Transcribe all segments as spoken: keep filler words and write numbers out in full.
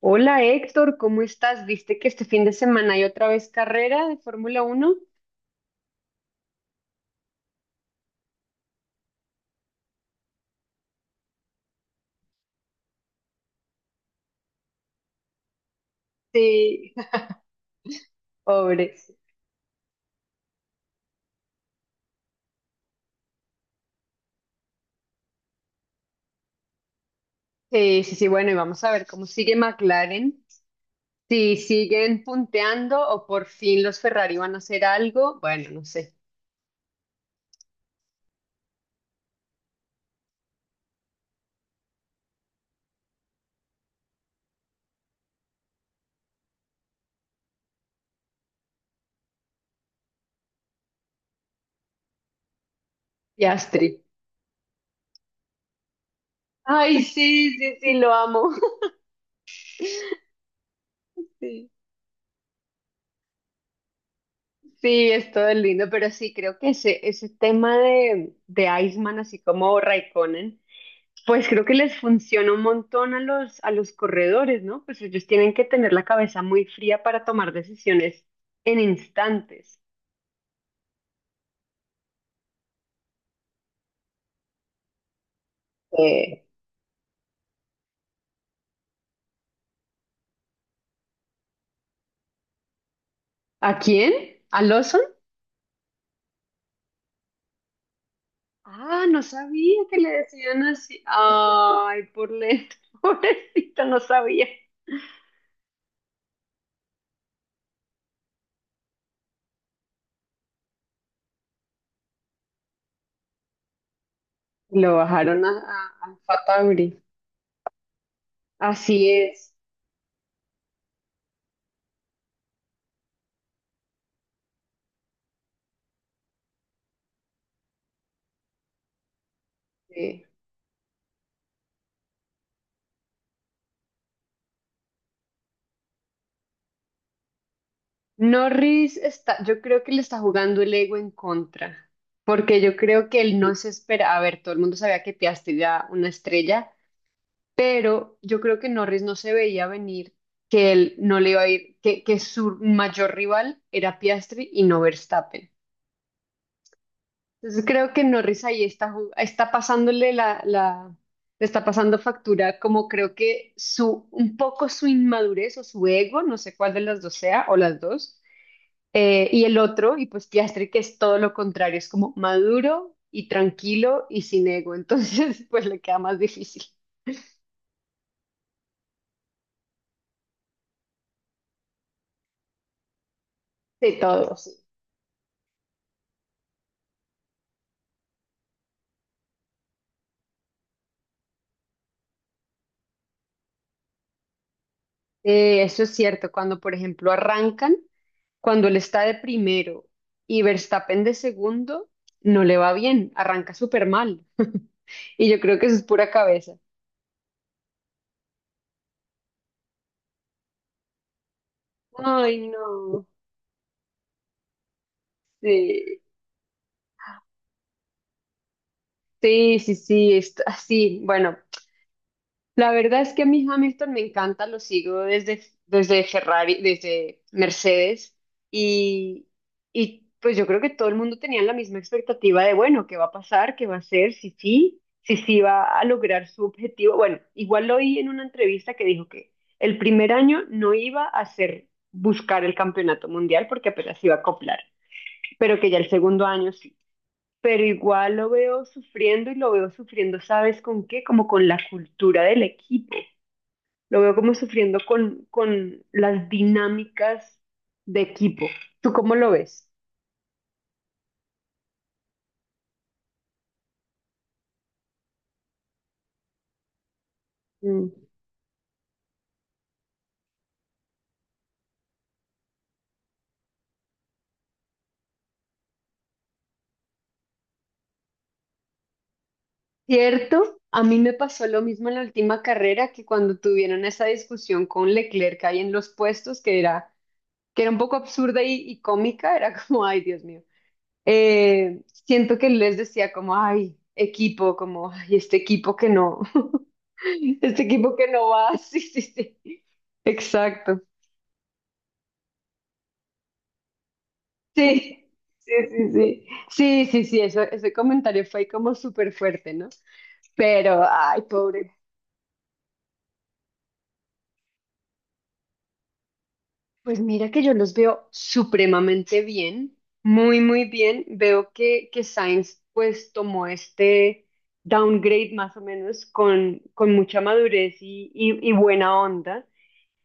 Hola Héctor, ¿cómo estás? ¿Viste que este fin de semana hay otra vez carrera de Fórmula Uno? Sí, pobre. Sí, sí, sí, bueno, y vamos a ver cómo sigue McLaren. Si siguen punteando o por fin los Ferrari van a hacer algo, bueno, no sé. Piastri. Ay, sí, sí, sí, lo amo. Sí, sí, es todo lindo, pero sí, creo que ese, ese tema de, de Iceman, así como Raikkonen. Pues creo que les funciona un montón a los, a los corredores, ¿no? Pues ellos tienen que tener la cabeza muy fría para tomar decisiones en instantes. Eh, ¿A quién? ¿A Lawson? Ah, no sabía que le decían así. Ay, por lento, pobrecito, no sabía. Lo bajaron a, a, a Fatauri. Así es. Sí. Norris está, yo creo que le está jugando el ego en contra, porque yo creo que él no se espera, a ver, todo el mundo sabía que Piastri era una estrella, pero yo creo que Norris no se veía venir que él no le iba a ir, que, que su mayor rival era Piastri y no Verstappen. Entonces creo que Norris ahí está, ju- está pasándole la, la, le está pasando factura, como creo que su, un poco su inmadurez o su ego, no sé cuál de las dos sea, o las dos. Eh, y el otro, y pues Piastri, que es todo lo contrario, es como maduro y tranquilo y sin ego. Entonces, pues le queda más difícil de todos. Eh, eso es cierto, cuando por ejemplo arrancan, cuando él está de primero y Verstappen de segundo, no le va bien, arranca súper mal. Y yo creo que eso es pura cabeza. Ay, no. Sí, sí, sí, sí, está así. Bueno, la verdad es que a mí Hamilton me encanta, lo sigo desde, desde Ferrari, desde Mercedes y, y pues yo creo que todo el mundo tenía la misma expectativa de, bueno, ¿qué va a pasar? ¿Qué va a hacer? Si sí, si sí va a lograr su objetivo. Bueno, igual lo oí en una entrevista que dijo que el primer año no iba a hacer buscar el campeonato mundial porque apenas iba a acoplar, pero que ya el segundo año sí. Pero igual lo veo sufriendo y lo veo sufriendo, ¿sabes con qué? Como con la cultura del equipo. Lo veo como sufriendo con, con las dinámicas de equipo. ¿Tú cómo lo ves? Mm. Cierto, a mí me pasó lo mismo en la última carrera que cuando tuvieron esa discusión con Leclerc ahí en los puestos, que era, que era un poco absurda y, y cómica, era como, ay, Dios mío. Eh, siento que les decía como, ay, equipo, como, ay, este equipo que no, este equipo que no va, sí, sí, sí. Exacto. Sí, sí, sí, sí. Sí, sí, sí, eso, ese comentario fue como súper fuerte, ¿no? Pero, ay, pobre. Pues mira que yo los veo supremamente bien, muy, muy bien. Veo que, que Sainz pues tomó este downgrade más o menos con, con mucha madurez y, y- y buena onda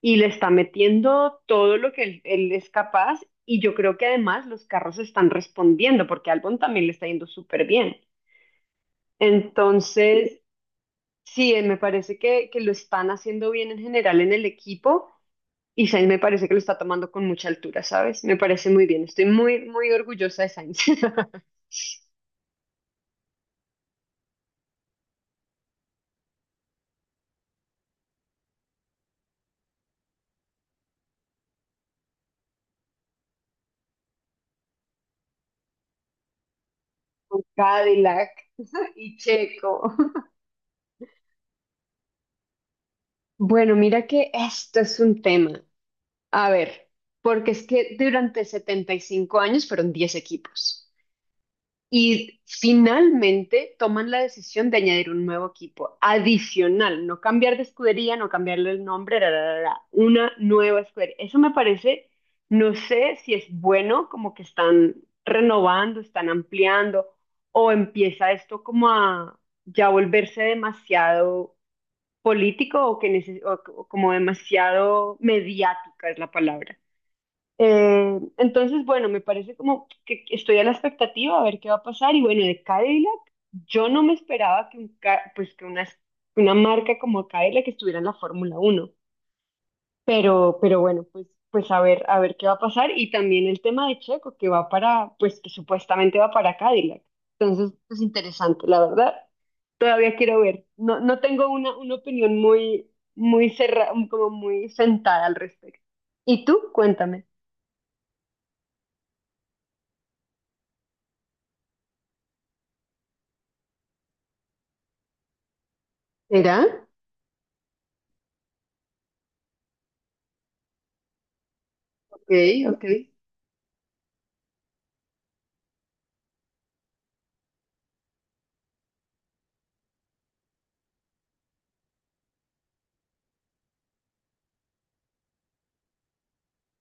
y le está metiendo todo lo que él, él es capaz y yo creo que además los carros están respondiendo porque Albon también le está yendo súper bien. Entonces, sí, eh, me parece que, que lo están haciendo bien en general en el equipo y Sainz me parece que lo está tomando con mucha altura, ¿sabes? Me parece muy bien. Estoy muy, muy orgullosa de Sainz. Cadillac y Checo. Bueno, mira que esto es un tema. A ver, porque es que durante setenta y cinco años fueron diez equipos. Y finalmente toman la decisión de añadir un nuevo equipo adicional, no cambiar de escudería, no cambiarle el nombre, ra, ra, ra, ra, una nueva escudería. Eso me parece, no sé si es bueno, como que están renovando, están ampliando, o empieza esto como a ya volverse demasiado político o que neces- o- o como demasiado mediática es la palabra. Eh, entonces, bueno, me parece como que estoy a la expectativa a ver qué va a pasar. Y bueno, de Cadillac, yo no me esperaba que, un, ca- pues, que una, una marca como Cadillac estuviera en la Fórmula Uno. Pero, pero bueno, pues, pues a ver, a ver qué va a pasar. Y también el tema de Checo, que va para, pues que supuestamente va para Cadillac. Entonces, es interesante, la verdad. Todavía quiero ver. No, no tengo una, una opinión muy, muy cerrada, como muy sentada al respecto. ¿Y tú? Cuéntame. ¿Será? Ok, ok,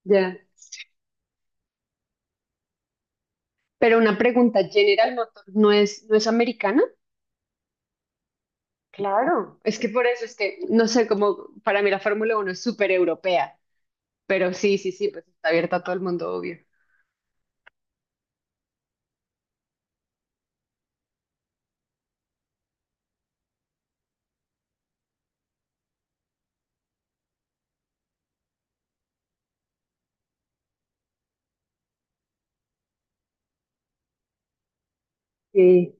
ya. Pero una pregunta, General Motors no es, no es americana. Claro, es que por eso es que, no sé, como para mí la Fórmula Uno es súper europea, pero sí, sí, sí, pues está abierta a todo el mundo, obvio. Sí.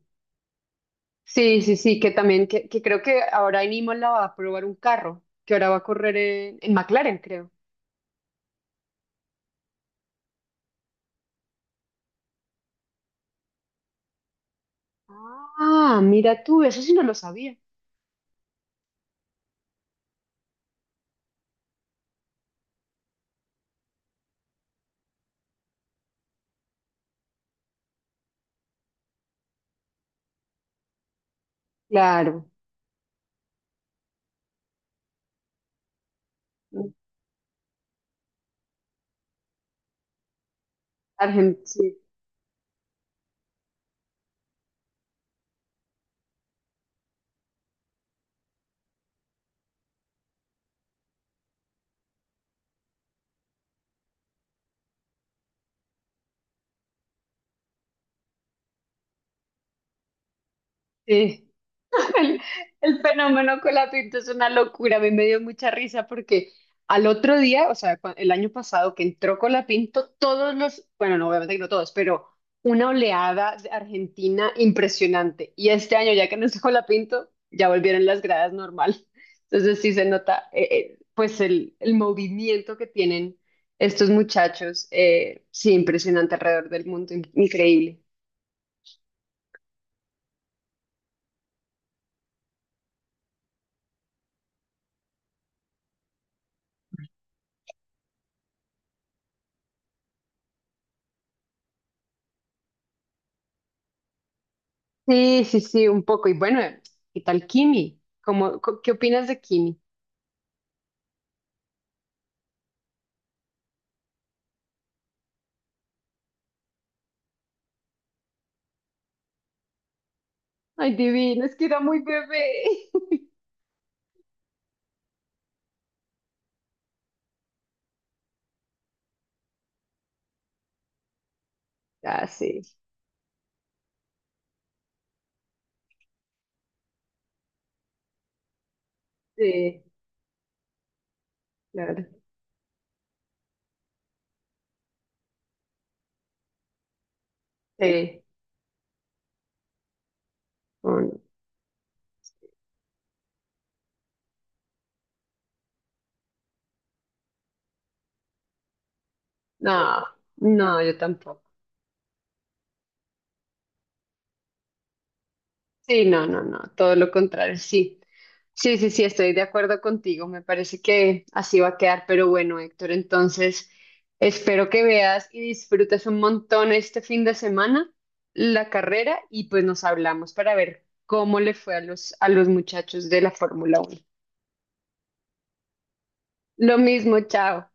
Sí, sí, sí, que también, que, que creo que ahora en Imola va a probar un carro, que ahora va a correr en, en McLaren, creo. Ah, mira tú, eso sí no lo sabía. Claro, Argentina. Sí. El, el fenómeno con la pinta es una locura, a mí me dio mucha risa porque al otro día, o sea, cua- el año pasado que entró Colapinto, todos los, bueno, no, obviamente que no todos, pero una oleada de Argentina impresionante. Y este año, ya que no está Colapinto, ya volvieron las gradas normal. Entonces sí se nota, eh, eh, pues, el, el movimiento que tienen estos muchachos, eh, sí, impresionante alrededor del mundo, in- increíble. Sí, sí, sí, un poco. Y bueno, ¿qué tal Kimi? ¿Cómo, co- ¿qué opinas de Kimi? Ay, divino, es que era muy bebé. Ah, sí, sí, claro. Sí. Mm. No, no, yo tampoco. Sí, no, no, no, todo lo contrario, sí. Sí, sí, sí, estoy de acuerdo contigo, me parece que así va a quedar, pero bueno, Héctor, entonces espero que veas y disfrutes un montón este fin de semana la carrera y pues nos hablamos para ver cómo le fue a los, a los muchachos de la Fórmula Uno. Lo mismo, chao.